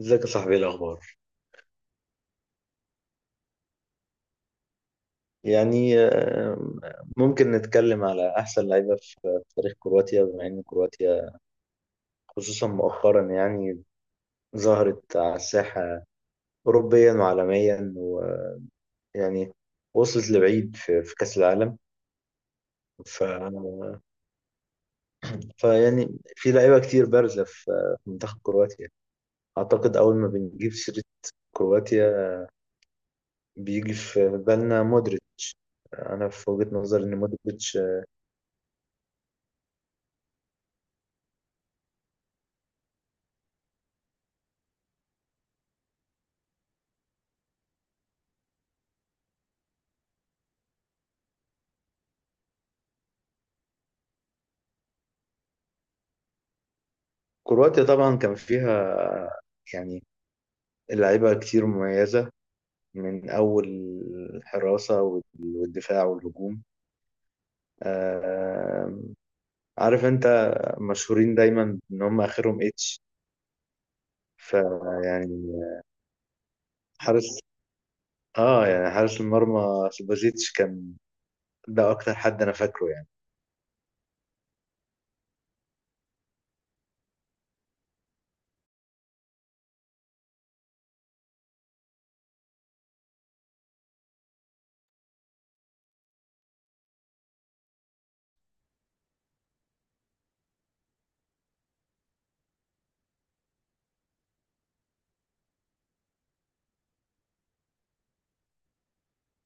ازيك يا صاحبي، ايه الاخبار؟ يعني آم، ممكن نتكلم على احسن لعيبه في تاريخ كرواتيا، بما ان كرواتيا خصوصا مؤخرا يعني ظهرت على الساحه اوروبيا وعالميا، ويعني وصلت لبعيد في في كاس العالم. ف... فيعني في لعيبه كتير بارزه في منتخب كرواتيا. اعتقد اول ما بنجيب سيره كرواتيا، بيجي في بالنا مودريتش. انا في وجهه نظري ان مودريتش، كرواتيا طبعا كان فيها يعني اللعيبة كتير مميزة، من أول الحراسة والدفاع والهجوم. آه، عارف أنت، مشهورين دايما إن هم آخرهم إتش. فيعني حارس، يعني حارس المرمى سوبازيتش كان، ده أكتر حد أنا فاكره يعني.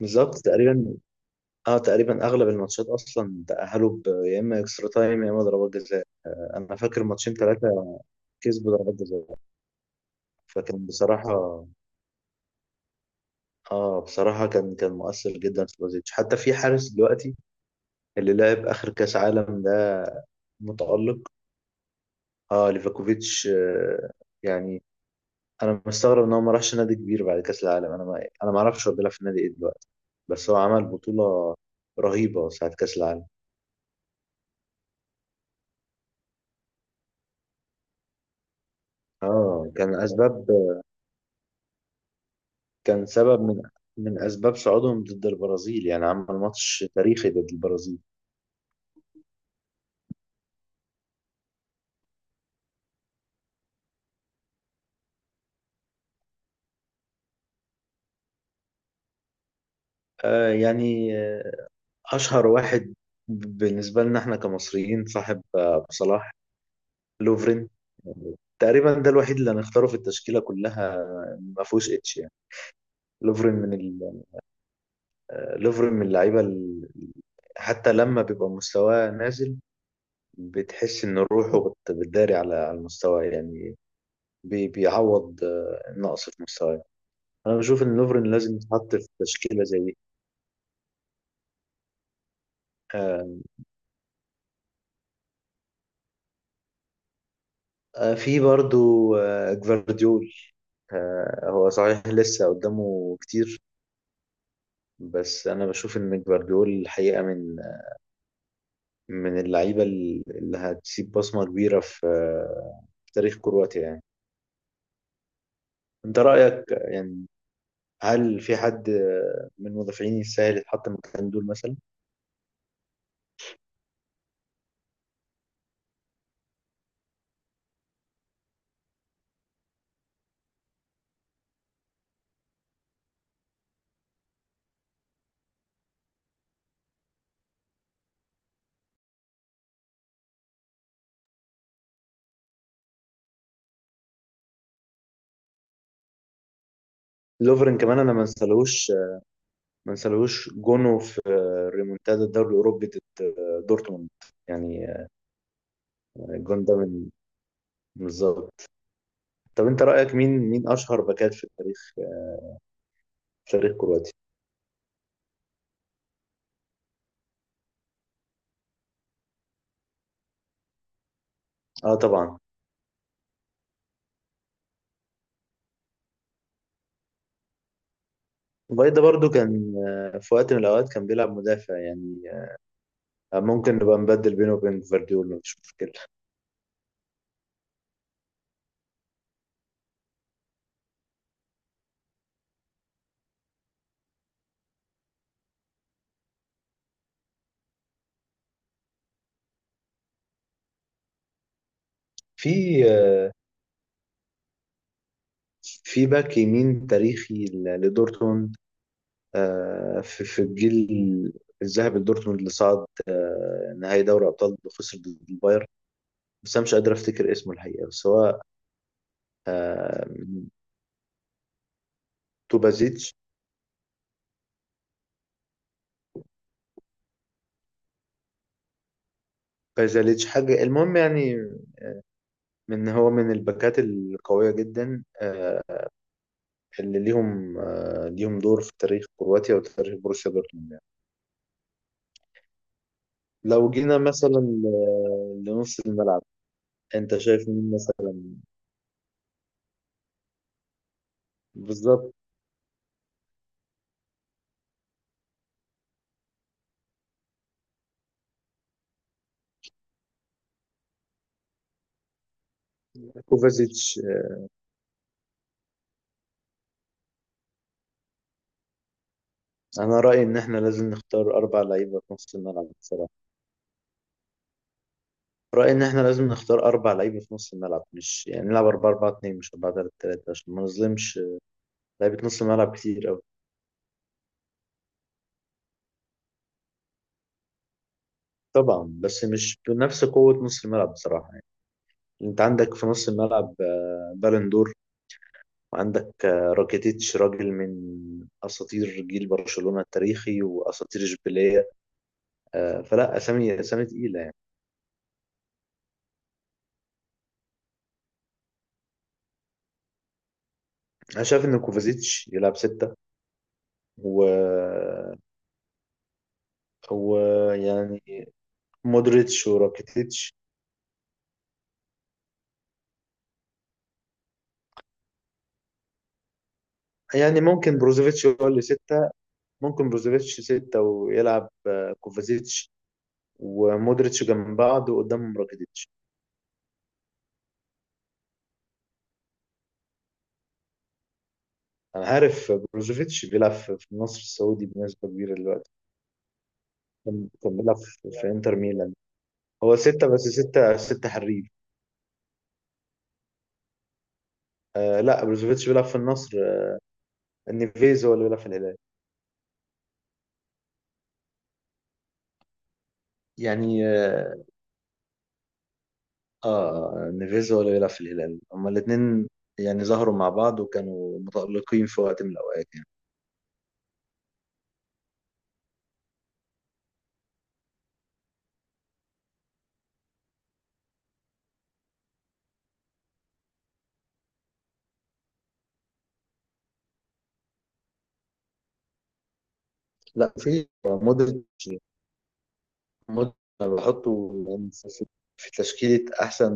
بالظبط تقريبا. آه تقريبا أغلب الماتشات أصلا تأهلوا يا إما إكسترا تايم يا إما ضربات جزاء. أنا فاكر ماتشين ثلاثة كسبوا ضربات جزاء. فكان بصراحة، اه بصراحة كان مؤثر جدا في بلوزيتش، حتى في حارس دلوقتي اللي لعب آخر كأس عالم ده، متألق. اه ليفاكوفيتش، يعني أنا مستغرب إن هو ما راحش نادي كبير بعد كأس العالم. أنا ما أعرفش هو بيلعب في نادي إيه دلوقتي، بس هو عمل بطولة رهيبة ساعة كأس العالم. اه كان أسباب، كان سبب من من أسباب صعودهم ضد البرازيل، يعني عمل ماتش تاريخي ضد البرازيل. آه يعني آه، أشهر واحد بالنسبة لنا احنا كمصريين، صاحب أبو صلاح. لوفرين، تقريبا ده الوحيد اللي هنختاره في التشكيله كلها، ما فيهوش اتش يعني. لوفرين من ال... لوفرين من اللعيبه حتى لما بيبقى مستواه نازل، بتحس ان روحه بتداري على على المستوى يعني. بيعوض النقص في مستواه. انا بشوف ان لوفرين لازم يتحط في تشكيله زي دي. آه، في برضو جفارديول. هو صحيح لسه قدامه كتير، بس انا بشوف ان جفارديول الحقيقه من من اللعيبة اللي هتسيب بصمة كبيرة في في تاريخ كرواتيا يعني. انت رأيك يعني، هل في حد من المدافعين يستاهل يتحط مكان دول مثلا؟ لوفرين كمان انا ما انسالهوش، ما انسالهوش جونه في ريمونتادا الدوري الاوروبي ضد دورتموند يعني. الجون ده من، بالظبط. طب انت رأيك، مين مين اشهر باكات في تاريخ في تاريخ كرواتيا؟ اه طبعا. فايدا برضو كان في وقت من الاوقات كان بيلعب مدافع يعني، ممكن نبقى نبدل بينه وبين فارديول مفيش مشكلة. في باك يمين تاريخي لدورتموند، في في الجيل الذهبي لدورتموند اللي صعد نهائي دوري أبطال وخسر ضد البايرن، بس أنا مش قادر أفتكر اسمه الحقيقة، بس هو آه، توبازيتش، بازاليتش، حاجة المهم يعني، من هو من الباكات القوية جدا اللي ليهم ليهم دور في تاريخ كرواتيا وتاريخ بروسيا دورتموند يعني. لو جينا مثلا لنص الملعب، انت شايف مين؟ بالظبط. كوفازيتش. انا رايي ان احنا لازم نختار اربع لعيبه في نص الملعب بصراحه. رايي ان احنا لازم نختار اربع لعيبه في نص الملعب، مش يعني نلعب 4 4 2 مش 4 3 3، عشان ما نظلمش لعيبه نص الملعب كتير قوي. طبعا بس مش بنفس قوه نص الملعب بصراحه يعني. انت عندك في نص الملعب بالندور، وعندك راكيتيتش راجل من اساطير جيل برشلونه التاريخي واساطير اشبيليه. فلا، اسامي اسامي تقيله يعني. انا شايف ان كوفازيتش يلعب ستة و... ويعني مودريتش وراكيتيتش. يعني ممكن بروزوفيتش هو اللي ستة، ممكن بروزوفيتش ستة ويلعب كوفازيتش ومودريتش جنب بعض وقدامهم راكيتيتش. أنا عارف بروزوفيتش بيلعب في في النصر السعودي بنسبة كبيرة دلوقتي. كان بيلعب في في إنتر ميلان. هو ستة، بس ستة ستة حريف. آه لا بروزوفيتش بيلعب في النصر. نيفيز هو اللي بيلعب في الهلال. يعني آه، اه نيفيز هو اللي بيلعب في الهلال، هما الاثنين يعني ظهروا مع بعض وكانوا متألقين في وقت من الأوقات يعني. لا في مودريتش. مودريتش أنا بحطه يعني في تشكيلة أحسن،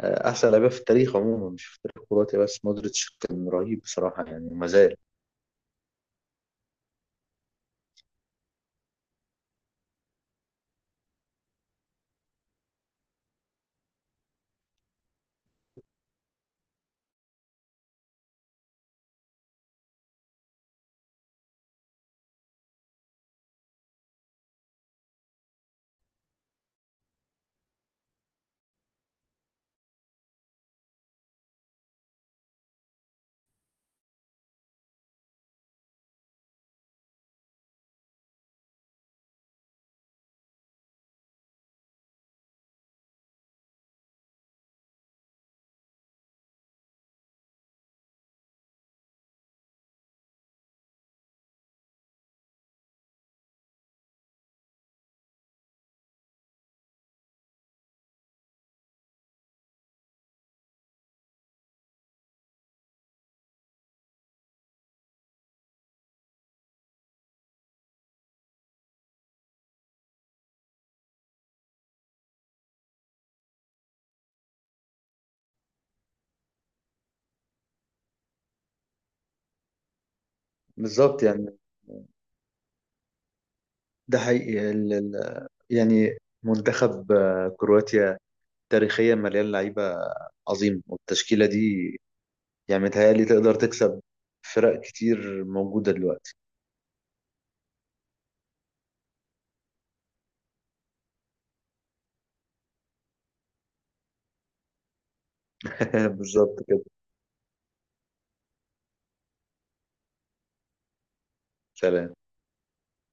أحسن لعيبة في التاريخ عموما مش في التاريخ الكرواتي بس. مودريتش كان رهيب بصراحة يعني وما زال. بالظبط يعني. ده حقيقي. يعني منتخب كرواتيا تاريخيا مليان لعيبة عظيم، والتشكيلة دي يعني متهيألي تقدر تكسب فرق كتير موجودة دلوقتي. بالظبط كده. سلام.